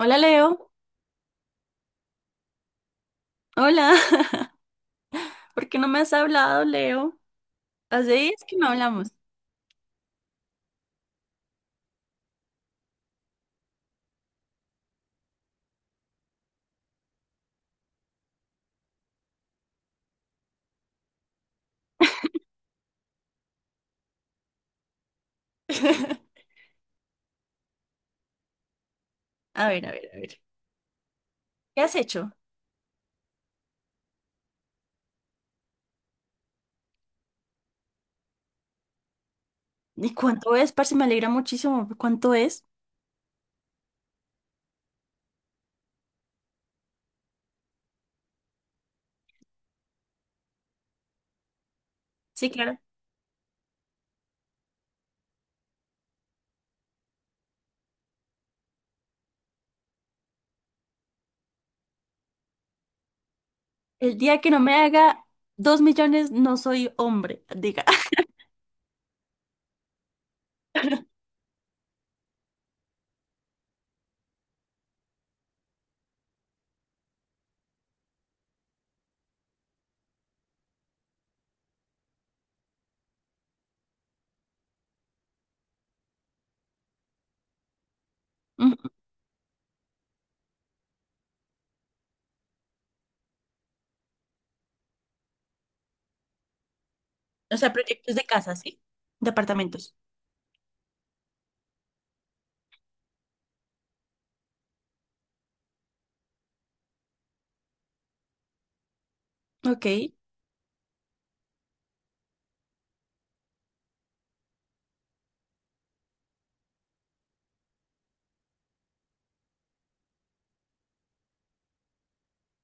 Hola Leo, hola. ¿Por qué no me has hablado, Leo? Hace días que no hablamos. A ver, a ver, a ver. ¿Qué has hecho? ¿Y cuánto es, parce? Me alegra muchísimo. ¿Cuánto es? Sí, claro. El día que no me haga 2 millones, no soy hombre, diga. Ujú. O sea, proyectos de casa, ¿sí? De apartamentos. Ok.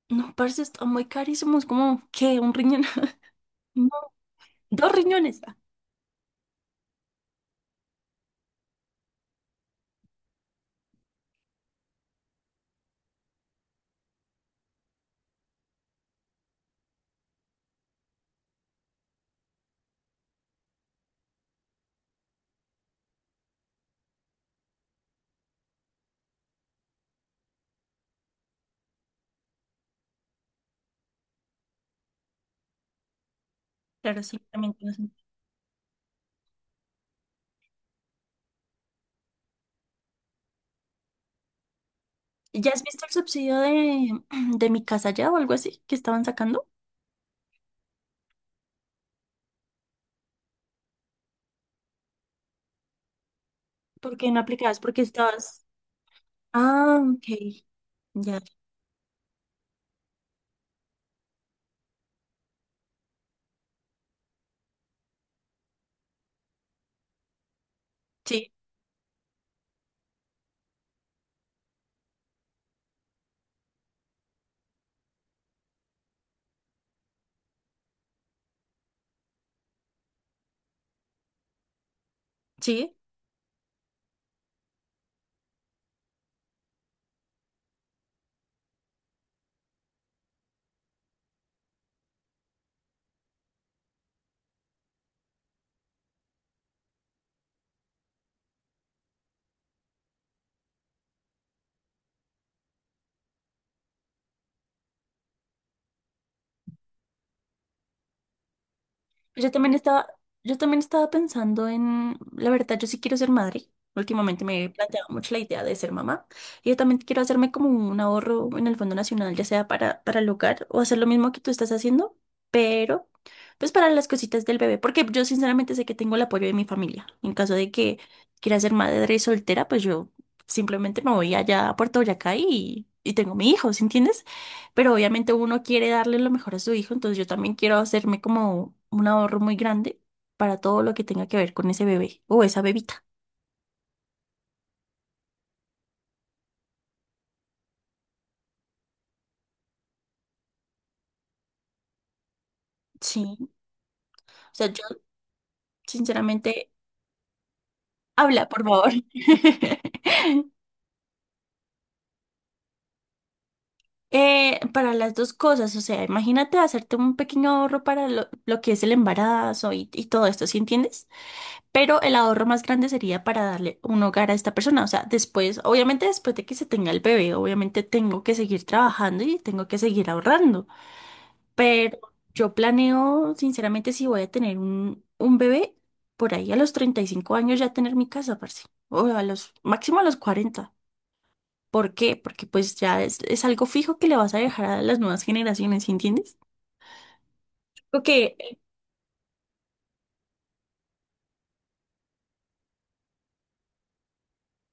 No, parce, están muy carísimos. ¿Cómo? ¿Qué? ¿Un riñón? No, dos riñones. Ah, claro, sí, también. Tienes un- ¿Ya has visto el subsidio de, de mi casa ya o algo así que estaban sacando? ¿Por qué no aplicabas? Porque estabas. Ah, ok. Ya. Sí, sí. Pues yo también estaba pensando en, la verdad, yo sí quiero ser madre. Últimamente me he planteado mucho la idea de ser mamá. Y yo también quiero hacerme como un ahorro en el Fondo Nacional, ya sea para, el hogar, o hacer lo mismo que tú estás haciendo, pero pues para las cositas del bebé. Porque yo sinceramente sé que tengo el apoyo de mi familia. En caso de que quiera ser madre soltera, pues yo simplemente me voy allá a Puerto Boyacá y tengo mi hijo, ¿sí entiendes? Pero obviamente uno quiere darle lo mejor a su hijo, entonces yo también quiero hacerme como un ahorro muy grande para todo lo que tenga que ver con ese bebé o esa bebita. Sí, o sea, yo sinceramente, habla, por favor. Para las dos cosas, o sea, imagínate hacerte un pequeño ahorro para lo, que es el embarazo y todo esto, ¿sí entiendes? Pero el ahorro más grande sería para darle un hogar a esta persona, o sea, después, obviamente después de que se tenga el bebé, obviamente tengo que seguir trabajando y tengo que seguir ahorrando. Pero yo planeo, sinceramente, si voy a tener un, bebé, por ahí a los 35 años ya tener mi casa, parce. O a los, máximo a los 40. ¿Por qué? Porque pues ya es algo fijo que le vas a dejar a las nuevas generaciones, ¿sí entiendes? Porque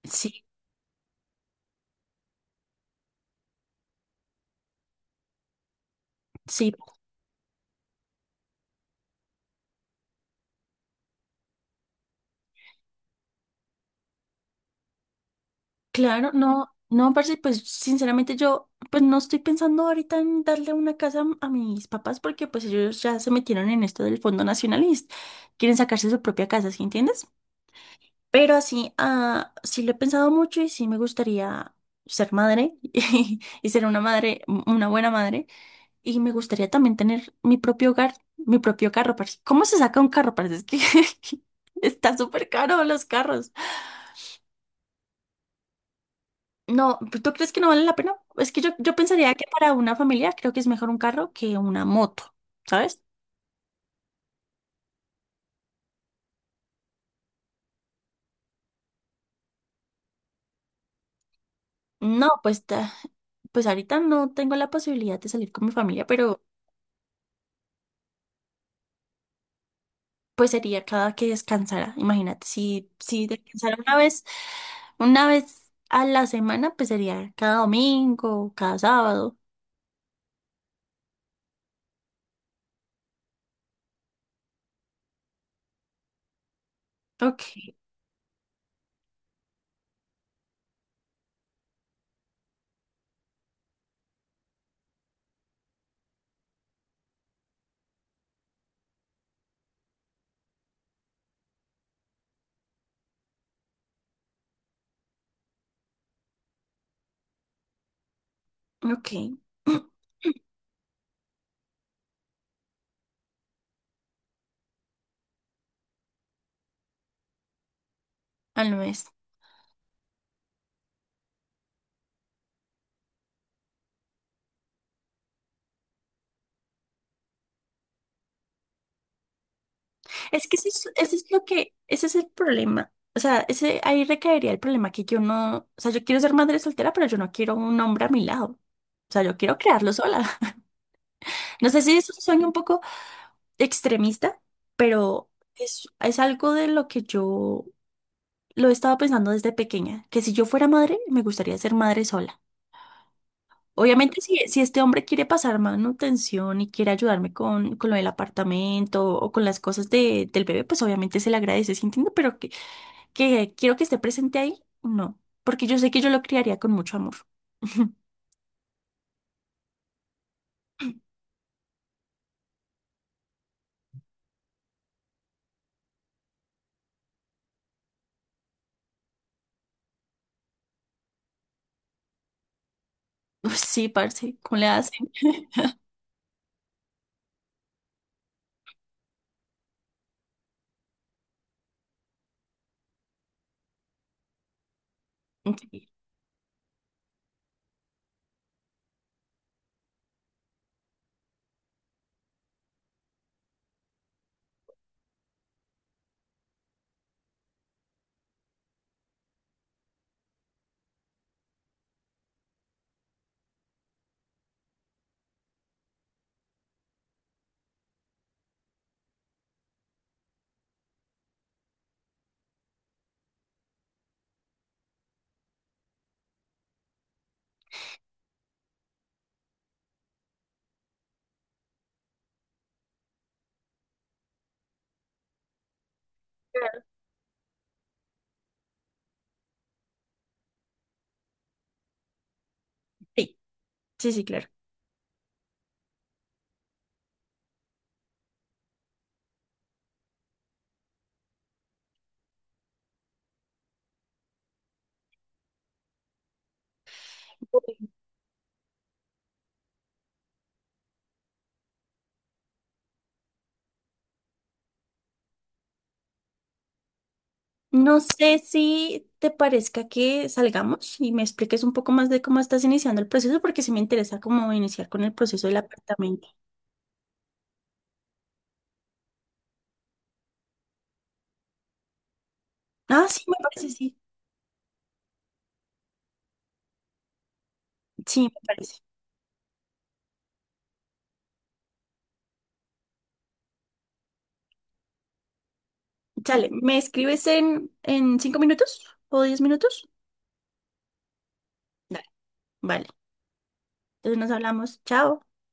sí, sí, claro, no, no, parce, pues sinceramente yo pues no estoy pensando ahorita en darle una casa a mis papás, porque pues ellos ya se metieron en esto del Fondo Nacional y es- quieren sacarse su propia casa, ¿sí entiendes? Pero así, ah, sí lo he pensado mucho y sí me gustaría ser madre y, ser una madre, una buena madre. Y me gustaría también tener mi propio hogar, mi propio carro, parce. ¿Cómo se saca un carro, parce? Es que está súper caro los carros. No, ¿tú crees que no vale la pena? Es que yo pensaría que para una familia creo que es mejor un carro que una moto, ¿sabes? No, pues, pues ahorita no tengo la posibilidad de salir con mi familia, pero pues sería cada que descansara. Imagínate, si, descansara una vez, una vez a la semana, pues sería cada domingo, cada sábado. Ok, ok. Al mes. Es que eso es lo que, ese es el problema. O sea, ese, ahí recaería el problema que yo no, o sea, yo quiero ser madre soltera, pero yo no quiero un hombre a mi lado. O sea, yo quiero crearlo sola. No sé si es un sueño un poco extremista, pero es, algo de lo que yo lo he estado pensando desde pequeña, que si yo fuera madre, me gustaría ser madre sola. Obviamente, si, este hombre quiere pasar manutención y quiere ayudarme con, lo del apartamento o con las cosas de, del bebé, pues obviamente se le agradece, ¿sí entiendo? Pero que quiero que esté presente ahí, no, porque yo sé que yo lo criaría con mucho amor. Uy, sí, parce, ¿cómo le hacen? Sí, sí, sí, sí, claro. No sé si te parezca que salgamos y me expliques un poco más de cómo estás iniciando el proceso, porque sí me interesa cómo iniciar con el proceso del apartamento. Ah, sí, me parece, sí. Sí, me parece. Chale, ¿me escribes en, 5 minutos o 10 minutos? Dale. Vale, entonces nos hablamos. Chao.